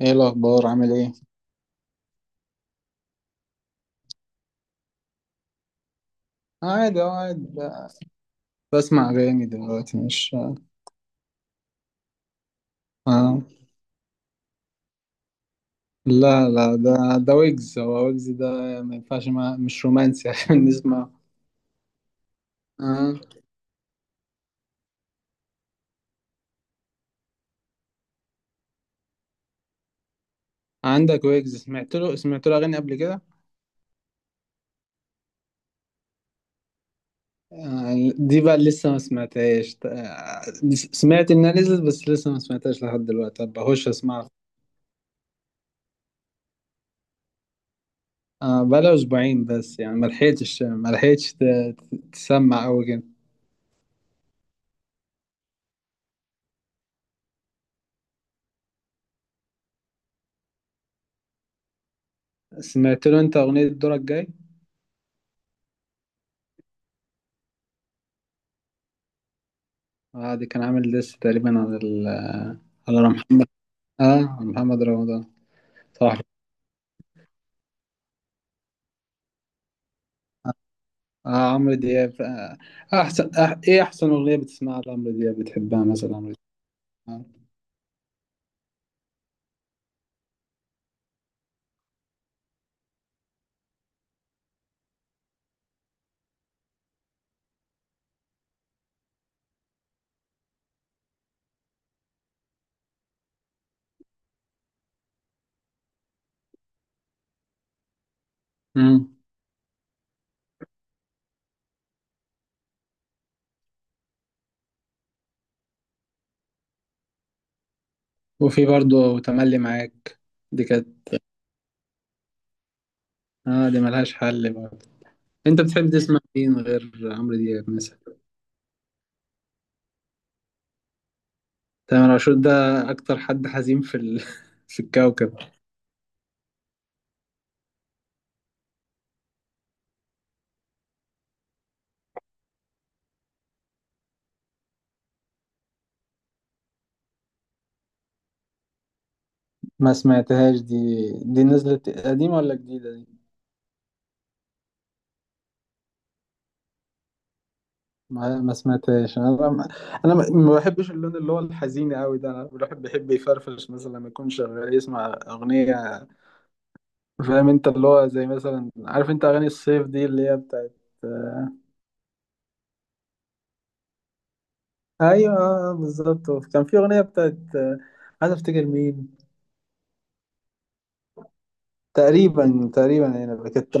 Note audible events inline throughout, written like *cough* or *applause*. ايه الاخبار؟ عامل ايه؟ عادي، اه، قاعد بسمع اغاني دلوقتي، مش، آه. اه. لا ده. ده ويجز، هو ويجز ده. ما ينفعش، ما مش رومانسي *laughs* عشان نسمع. آه. عندك ويجز؟ سمعت له اغاني قبل كده؟ آه. دي بقى لسه ما سمعتهاش، آه. سمعت انها نزلت بس لسه ما سمعتهاش لحد دلوقتي. طب بخش اسمعها. آه. بقى اسبوعين بس، يعني ما لحقتش تسمع قوي كده. سمعت له انت اغنية دورك جاي؟ اه، دي كان عامل ديس تقريبا على ال... على محمد. اه، على محمد رمضان. صح. اه، عمرو دياب، آه. احسن، آه، ايه احسن اغنية بتسمعها لعمرو دياب بتحبها مثلا؟ عمرو دياب، امم. وفي برضه تملي معاك. دي كانت... اه، دي ملهاش حل برضه. انت بتحب تسمع مين غير عمرو دياب مثلا؟ تامر عاشور ده اكتر حد حزين في ال... *laughs* في الكوكب. ما سمعتهاش دي. دي نزلت قديمة ولا جديدة دي؟ ما سمعتهاش انا، انا، ما بحبش اللون اللي هو الحزين قوي ده. انا الواحد بيحب يفرفش، مثلا لما يكون شغال يسمع اغنيه. فاهم انت؟ اللي هو زي مثلا، عارف انت اغاني الصيف دي اللي هي بتاعت آه،... ايوه، آه، بالظبط. كان في اغنيه بتاعت آه،... عايز افتكر مين. تقريبا تقريبا هنا كانت.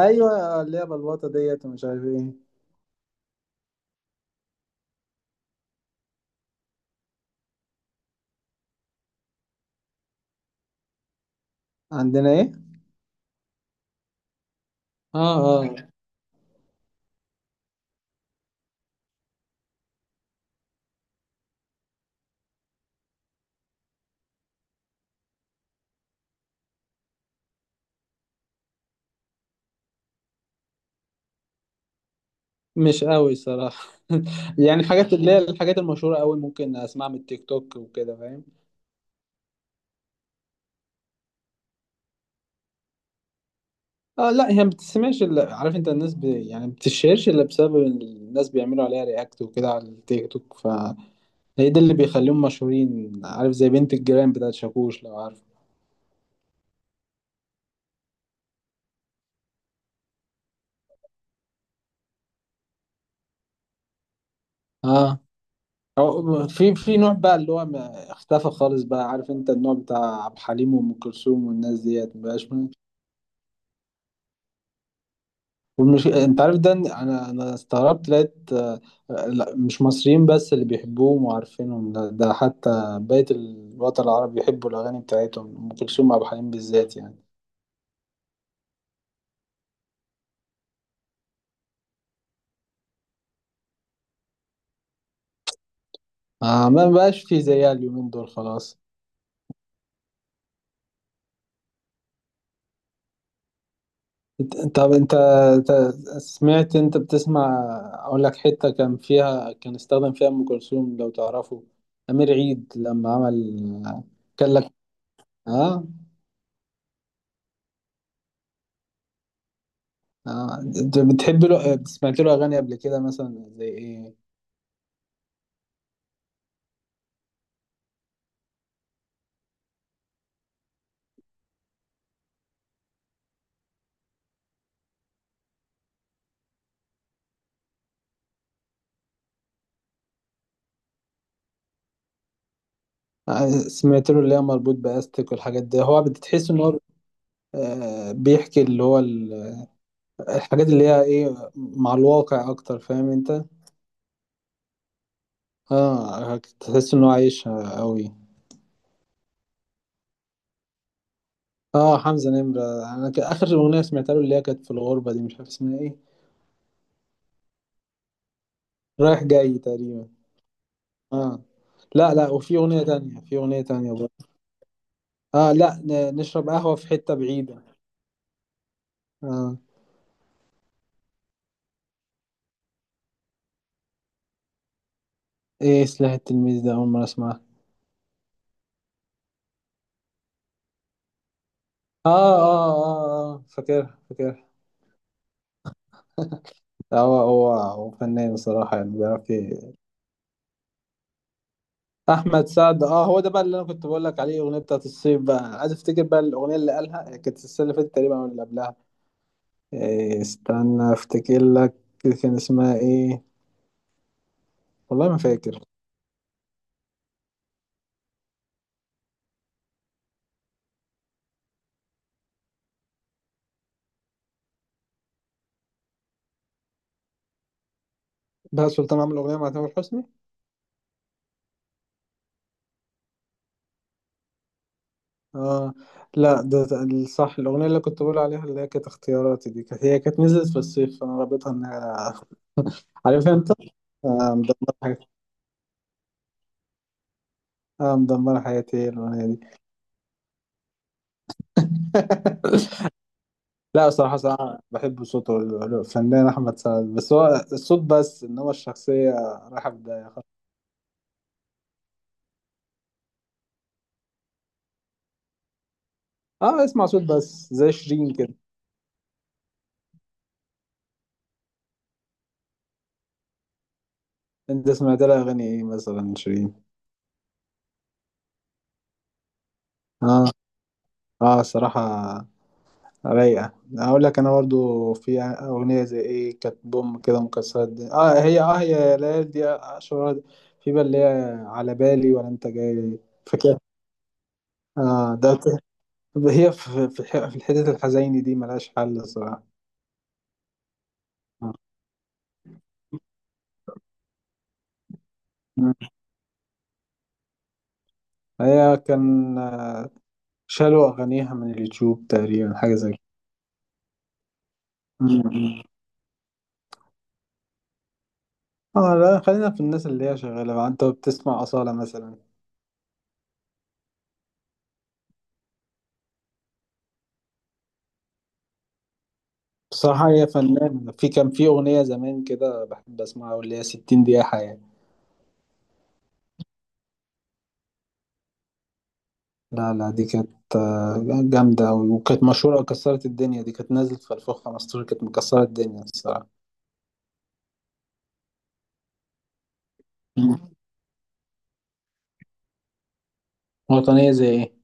ايوه، آه، اللي هي بلبطه ديت ومش عارف ايه. عندنا ايه؟ اه، اه. مش قوي صراحه *laughs* يعني الحاجات اللي هي الحاجات المشهوره قوي ممكن اسمعها من التيك توك وكده، فاهم؟ اه، لا، هي ما بتسمعش الا، عارف انت الناس يعني ما بتشهرش الا بسبب إن الناس بيعملوا عليها رياكت وكده على التيك توك، فهي ده اللي بيخليهم مشهورين، عارف؟ زي بنت الجيران بتاعت شاكوش، لو عارف. اه. أو في نوع بقى اللي هو ما اختفى خالص بقى، عارف انت النوع بتاع عبد الحليم وام كلثوم والناس ديت، مبقاش. والمش...، انت عارف ده، إن انا استغربت لقيت آه،... آه، لا مش مصريين بس اللي بيحبوهم وعارفينهم ده، ده حتى بقية الوطن العربي بيحبوا الاغاني بتاعتهم، ام كلثوم وعبد الحليم بالذات يعني. آه، ما بقاش في زيها اليومين دول خلاص. طب انت، إنت سمعت، انت بتسمع... اقول لك حتة كان فيها، كان استخدم فيها ام كلثوم، لو تعرفه، امير عيد لما عمل كان لك. اه، آه. انت بتحب له؟ سمعت له اغاني قبل كده مثلا زي ايه؟ سمعت له اللي هي مربوط باستك والحاجات دي، هو بتحس ان هو آه، بيحكي اللي هو ال... الحاجات اللي هي ايه، مع الواقع اكتر، فاهم انت؟ اه، تحس انه عايشها قوي. اه، حمزة نمرة. انا اخر اغنية سمعتها له اللي هي كانت في الغربة دي، مش عارف اسمها ايه. رايح جاي تقريبا. اه. لا لا، وفي اغنية تانية، في اغنية تانية برضه. اه، لا نشرب قهوة في حتة بعيدة. اه. ايه سلاح التلميذ ده؟ اول مرة اسمعها. اه، اه، اه، آه فاكرها فاكرها. هو فنان بصراحة، يعني بيعرف أحمد سعد، أه هو ده بقى اللي أنا كنت بقول لك عليه، الأغنية بتاعت الصيف بقى. أنا عايز أفتكر بقى الأغنية اللي قالها، كانت السنة اللي فاتت تقريبا أو اللي قبلها. إيه، استنى أفتكر لك. كان اسمها إيه؟ والله ما فاكر. بقى سلطان عامل أغنية مع تامر حسني؟ أه، لا ده ده الصح، الأغنية اللي كنت بقول عليها اللي هي كانت اختياراتي دي، كانت هي كانت نزلت في الصيف، فأنا رابطها إن هي *laughs* عارف أنت. آه، مدمرة حياتي. آه، مدمرة حياتي الأغنية دي. *laughs* لا، صراحة صراحة بحب صوته الفنان أحمد سعد، بس هو الصوت بس، إنما الشخصية رايحة في داهية خالص. آه، اسمع صوت بس زي شيرين كده. أنت سمعت لها أغاني إيه مثلا شيرين؟ آه. آه، صراحة رايقة. أقول لك أنا برضو في أغنية زي إيه، كانت بوم كده مكسرة الدنيا، آه هي آه هي يا ليالي، دي أشهر. في بقى اللي هي على بالي ولا أنت جاي. فاكر؟ آه ده. هي في الحتت الحزينة دي ملهاش حل صراحة. آه. هي كان آه، شالوا أغانيها من اليوتيوب تقريبا، حاجة زي كده. مم. اه، لا خلينا في الناس اللي هي شغالة بقى. انت بتسمع أصالة مثلا؟ بصراحة هي فنانة. في كان في أغنية زمان كده بحب أسمعها، واللي هي 60 دقيقة حياة. لا لا، دي كانت آه، جامدة أوي وكانت مشهورة كسرت الدنيا، دي كانت نازلة في 2015، كانت مكسرة الدنيا الصراحة. مم. وطنية زي إيه؟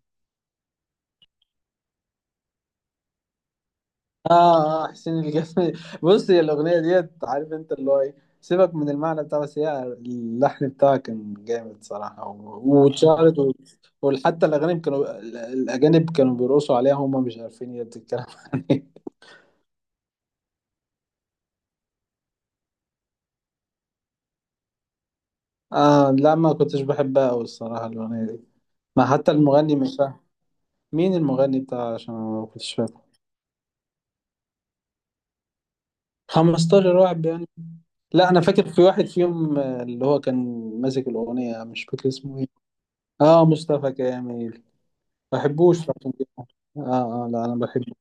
اه، اه، حسين الجسمي *laughs* بص هي الاغنيه ديت، عارف انت اللي هو ايه، سيبك من المعنى بتاعها، بس هي اللحن بتاعها كان جامد صراحه واتشهرت وحتى الاغاني كانوا الاجانب كانوا بيرقصوا عليها، هم مش عارفين هي بتتكلم *laughs* عن ايه. اه، لا، ما كنتش بحبها قوي الصراحه الاغنيه دي. ما حتى المغني مش فاهم مين المغني بتاعها، عشان أنا ما كنتش فاكر. 15 واحد يعني؟ لا انا فاكر في واحد فيهم آه، اللي هو كان ماسك الاغنيه، مش فاكر اسمه ايه. اه، مصطفى كامل. ما بحبوش عشان كده؟ اه، اه، لا انا بحبه.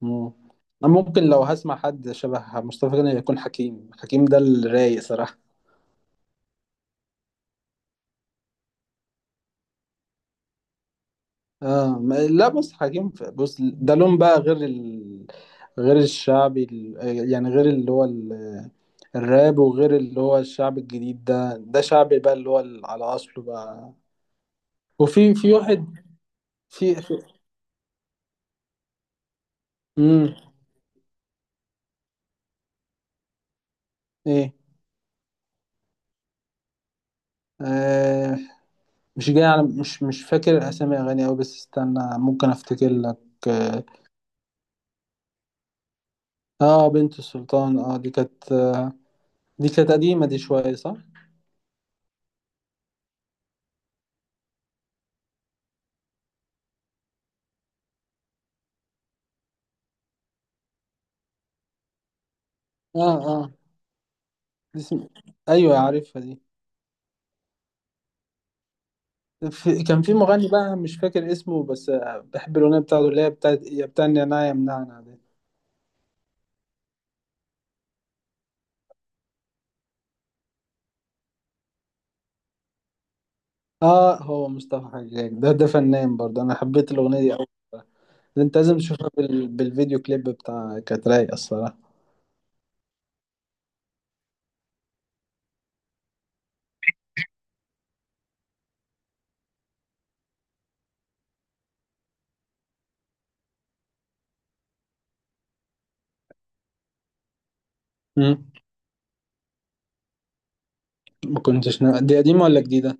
مم. انا ممكن لو هسمع حد شبه مصطفى غني، يكون حكيم. حكيم ده الرايق صراحة. اه، ما لا بص حكيم بص ده لون بقى غير ال...، غير الشعبي ال...، يعني غير اللي هو ال... الراب، وغير اللي هو الشعب الجديد ده. ده شعبي بقى اللي هو ال... على اصله بقى. وفي في واحد، في، في... مم. ايه، آه، مش جاي على، مش، مش فاكر اسامي اغاني اوي، بس استنى ممكن افتكر لك. اه. آه، بنت السلطان. اه دي كانت آه، دي كانت قديمة دي شوية، صح؟ اه، اه. دي اسم...، ايوه عارفها دي. في...، كان في مغني بقى مش فاكر اسمه، بس آه بحب الاغنية بتاعته اللي هي بتاعت يا بتاع النعناع يا منعنع دي. اه، هو مصطفى حجاج ده، ده فنان برضه، انا حبيت الاغنية دي اوي. ده انت لازم تشوفها بال... بالفيديو كليب بتاع، كانت رايقة الصراحة. مم. ما كنتش دي قديمة ولا جديدة؟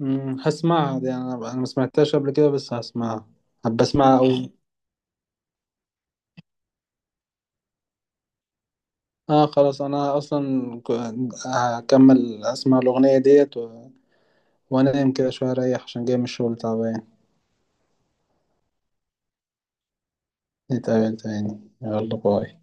امم، هسمعها دي، انا، انا ما سمعتهاش قبل كده بس هسمعها. هبقى اسمعها أوي. اه، خلاص، انا اصلا هكمل اسمع الاغنيه ديت و... وانام كده شويه اريح، عشان جاي من الشغل تعبان. نتقابل تاني، يلا باي.